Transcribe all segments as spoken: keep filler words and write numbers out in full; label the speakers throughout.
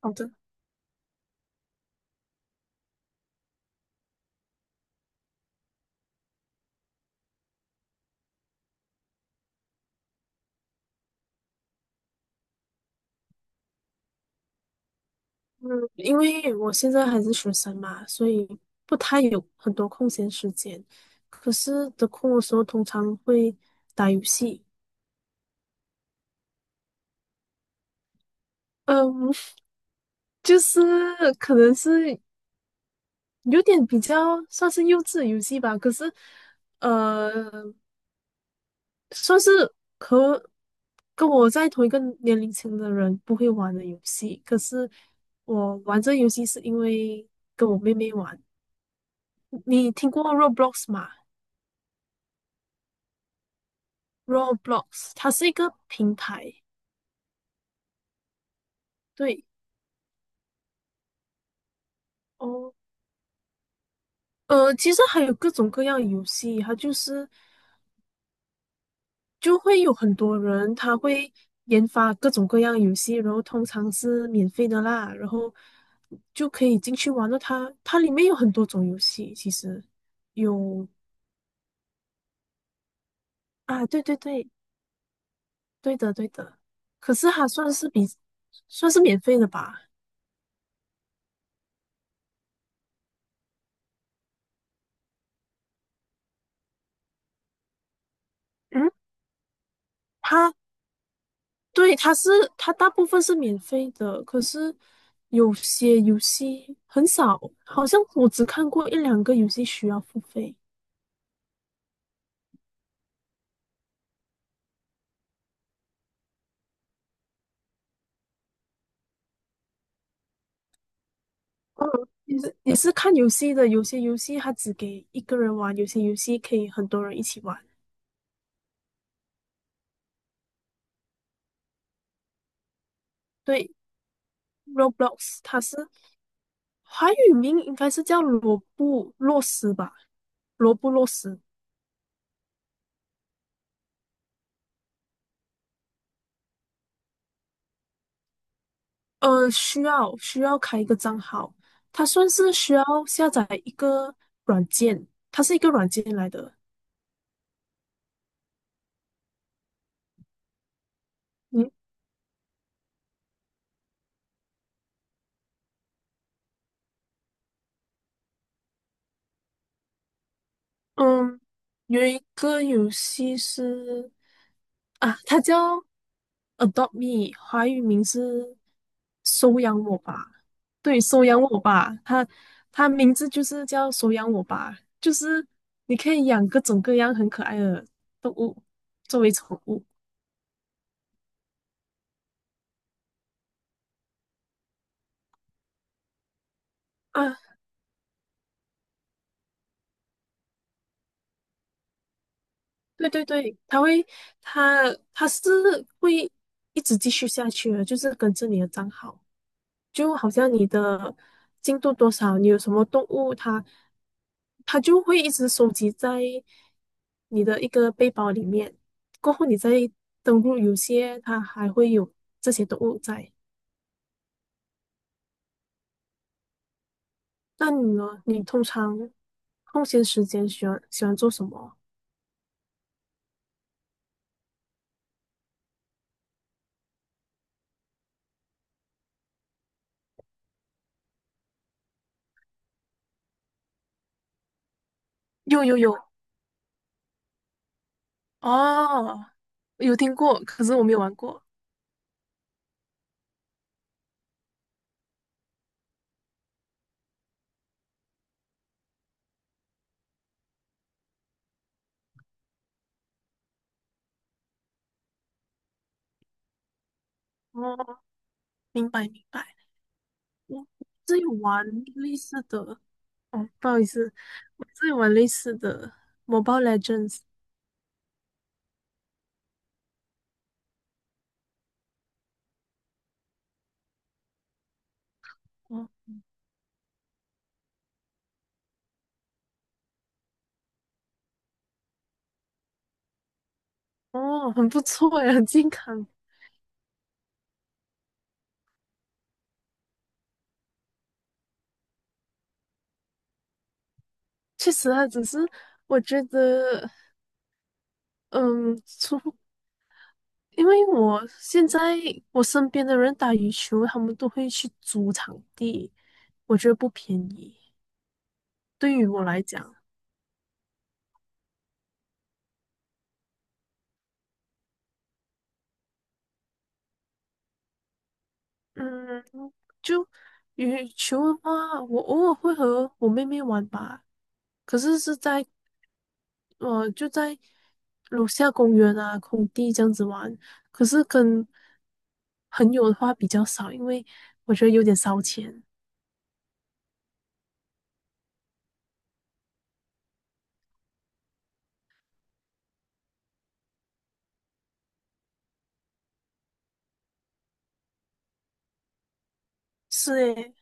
Speaker 1: 好的，嗯，因为我现在还是学生嘛，所以不太有很多空闲时间。可是得空的时候，通常会打游戏。嗯，就是可能是有点比较算是幼稚的游戏吧。可是，呃，算是和跟我在同一个年龄层的人不会玩的游戏。可是我玩这游戏是因为跟我妹妹玩。你听过 Roblox 吗？Roblox 它是一个平台，对哦，呃，其实还有各种各样的游戏，它就是就会有很多人他会研发各种各样的游戏，然后通常是免费的啦，然后就可以进去玩了它。它里面有很多种游戏，其实。有啊，对对对，对的对的。可是它算是比算是免费的吧？嗯，它对，它是它大部分是免费的，可是有些游戏很少，好像我只看过一两个游戏需要付费。嗯，也是也是看游戏的，有些游戏它只给一个人玩，有些游戏可以很多人一起玩。对，Roblox 它是华语名应该是叫罗布洛斯吧？罗布洛斯。呃，需要需要开一个账号，它算是需要下载一个软件，它是一个软件来的。嗯嗯，有一个游戏是啊，它叫 Adopt Me，华语名是收养我吧？对，收养我吧，它它名字就是叫收养我吧，就是你可以养各种各样很可爱的动物作为宠物。啊。对对对，他会，他他是会一直继续下去的，就是跟着你的账号，就好像你的进度多少，你有什么动物，它它就会一直收集在你的一个背包里面。过后你再登录游戏，它还会有这些动物在。那你呢？你通常空闲时间喜欢喜欢做什么？有有有，哦，有听过，可是我没有玩过。哦，明白明白，我自己玩类似的，哦，不好意思，我自己玩类似的《Mobile Legends》，哦哦，很不错哎，很健康，确实啊，只是我觉得，嗯，除因为我现在我身边的人打羽球，他们都会去租场地，我觉得不便宜，对于我来讲。嗯，就羽球的话，我偶尔会和我妹妹玩吧，可是是在呃就在楼下公园啊空地这样子玩，可是跟朋友的话比较少，因为我觉得有点烧钱。是诶，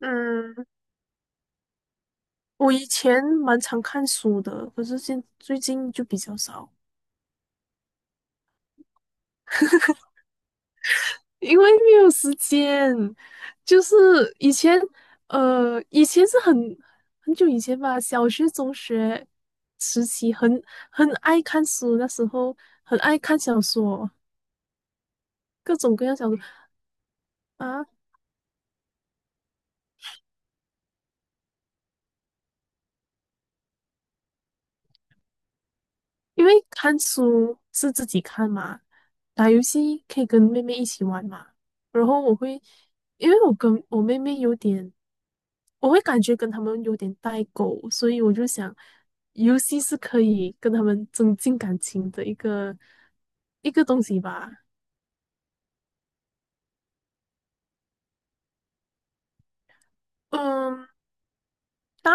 Speaker 1: 嗯，我以前蛮常看书的，可是现最近就比较少。因为没有时间，就是以前，呃，以前是很很久以前吧，小学、中学时期很很爱看书，那时候很爱看小说，各种各样小说啊。因为看书是自己看嘛，打游戏可以跟妹妹一起玩嘛。然后我会，因为我跟我妹妹有点，我会感觉跟他们有点代沟，所以我就想，游戏是可以跟他们增进感情的一个一个东西吧。嗯，大，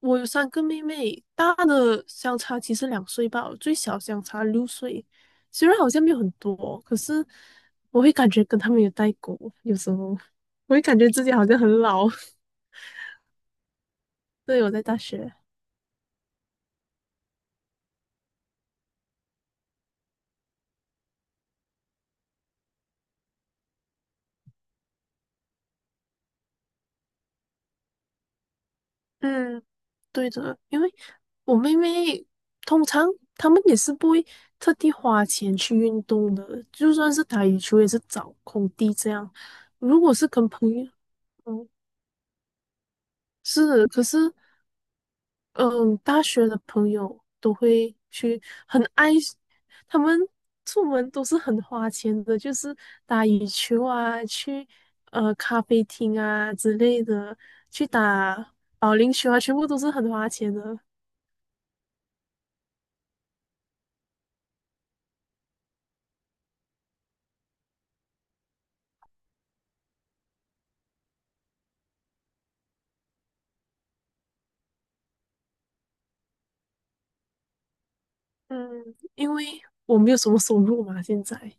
Speaker 1: 我有三个妹妹，大的相差其实两岁吧，最小相差六岁。虽然好像没有很多，可是我会感觉跟他们有代沟，有时候我会感觉自己好像很老。对，我在大学，嗯，对的，因为我妹妹通常她们也是不会特地花钱去运动的，就算是打羽球也是找空地这样。如果是跟朋友，嗯，是，可是。嗯，大学的朋友都会去很爱，他们出门都是很花钱的，就是打羽球啊，去呃咖啡厅啊之类的，去打保龄球啊，全部都是很花钱的。嗯，因为我没有什么收入嘛，现在。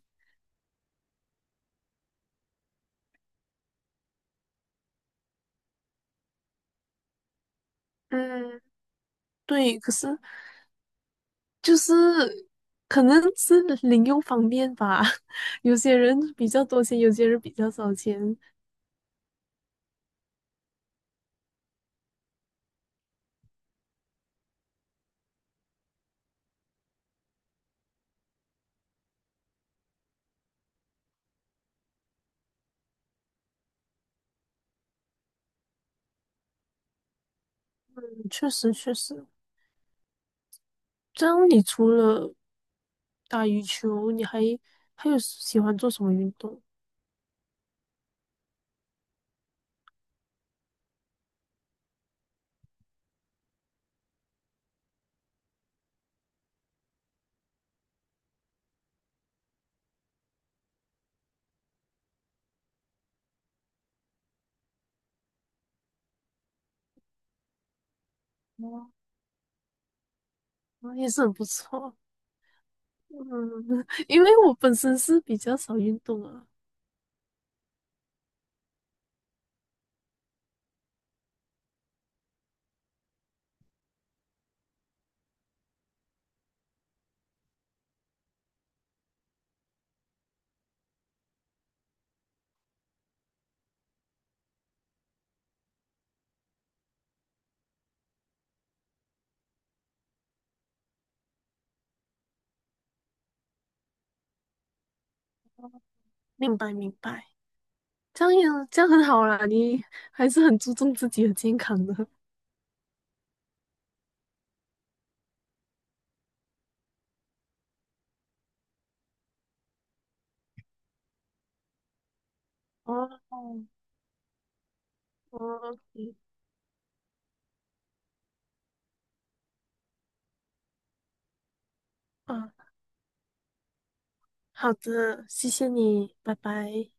Speaker 1: 嗯，对，可是就是可能是零用方面吧，有些人比较多钱，有些人比较少钱。嗯确实，确实。这样你除了打羽球，你还还有喜欢做什么运动？哦，也是很不错，嗯，因为我本身是比较少运动啊，明白明白，这样也这样很好啦，你还是很注重自己的健康的。哦，哦哦，嗯，啊好的，谢谢你，拜拜。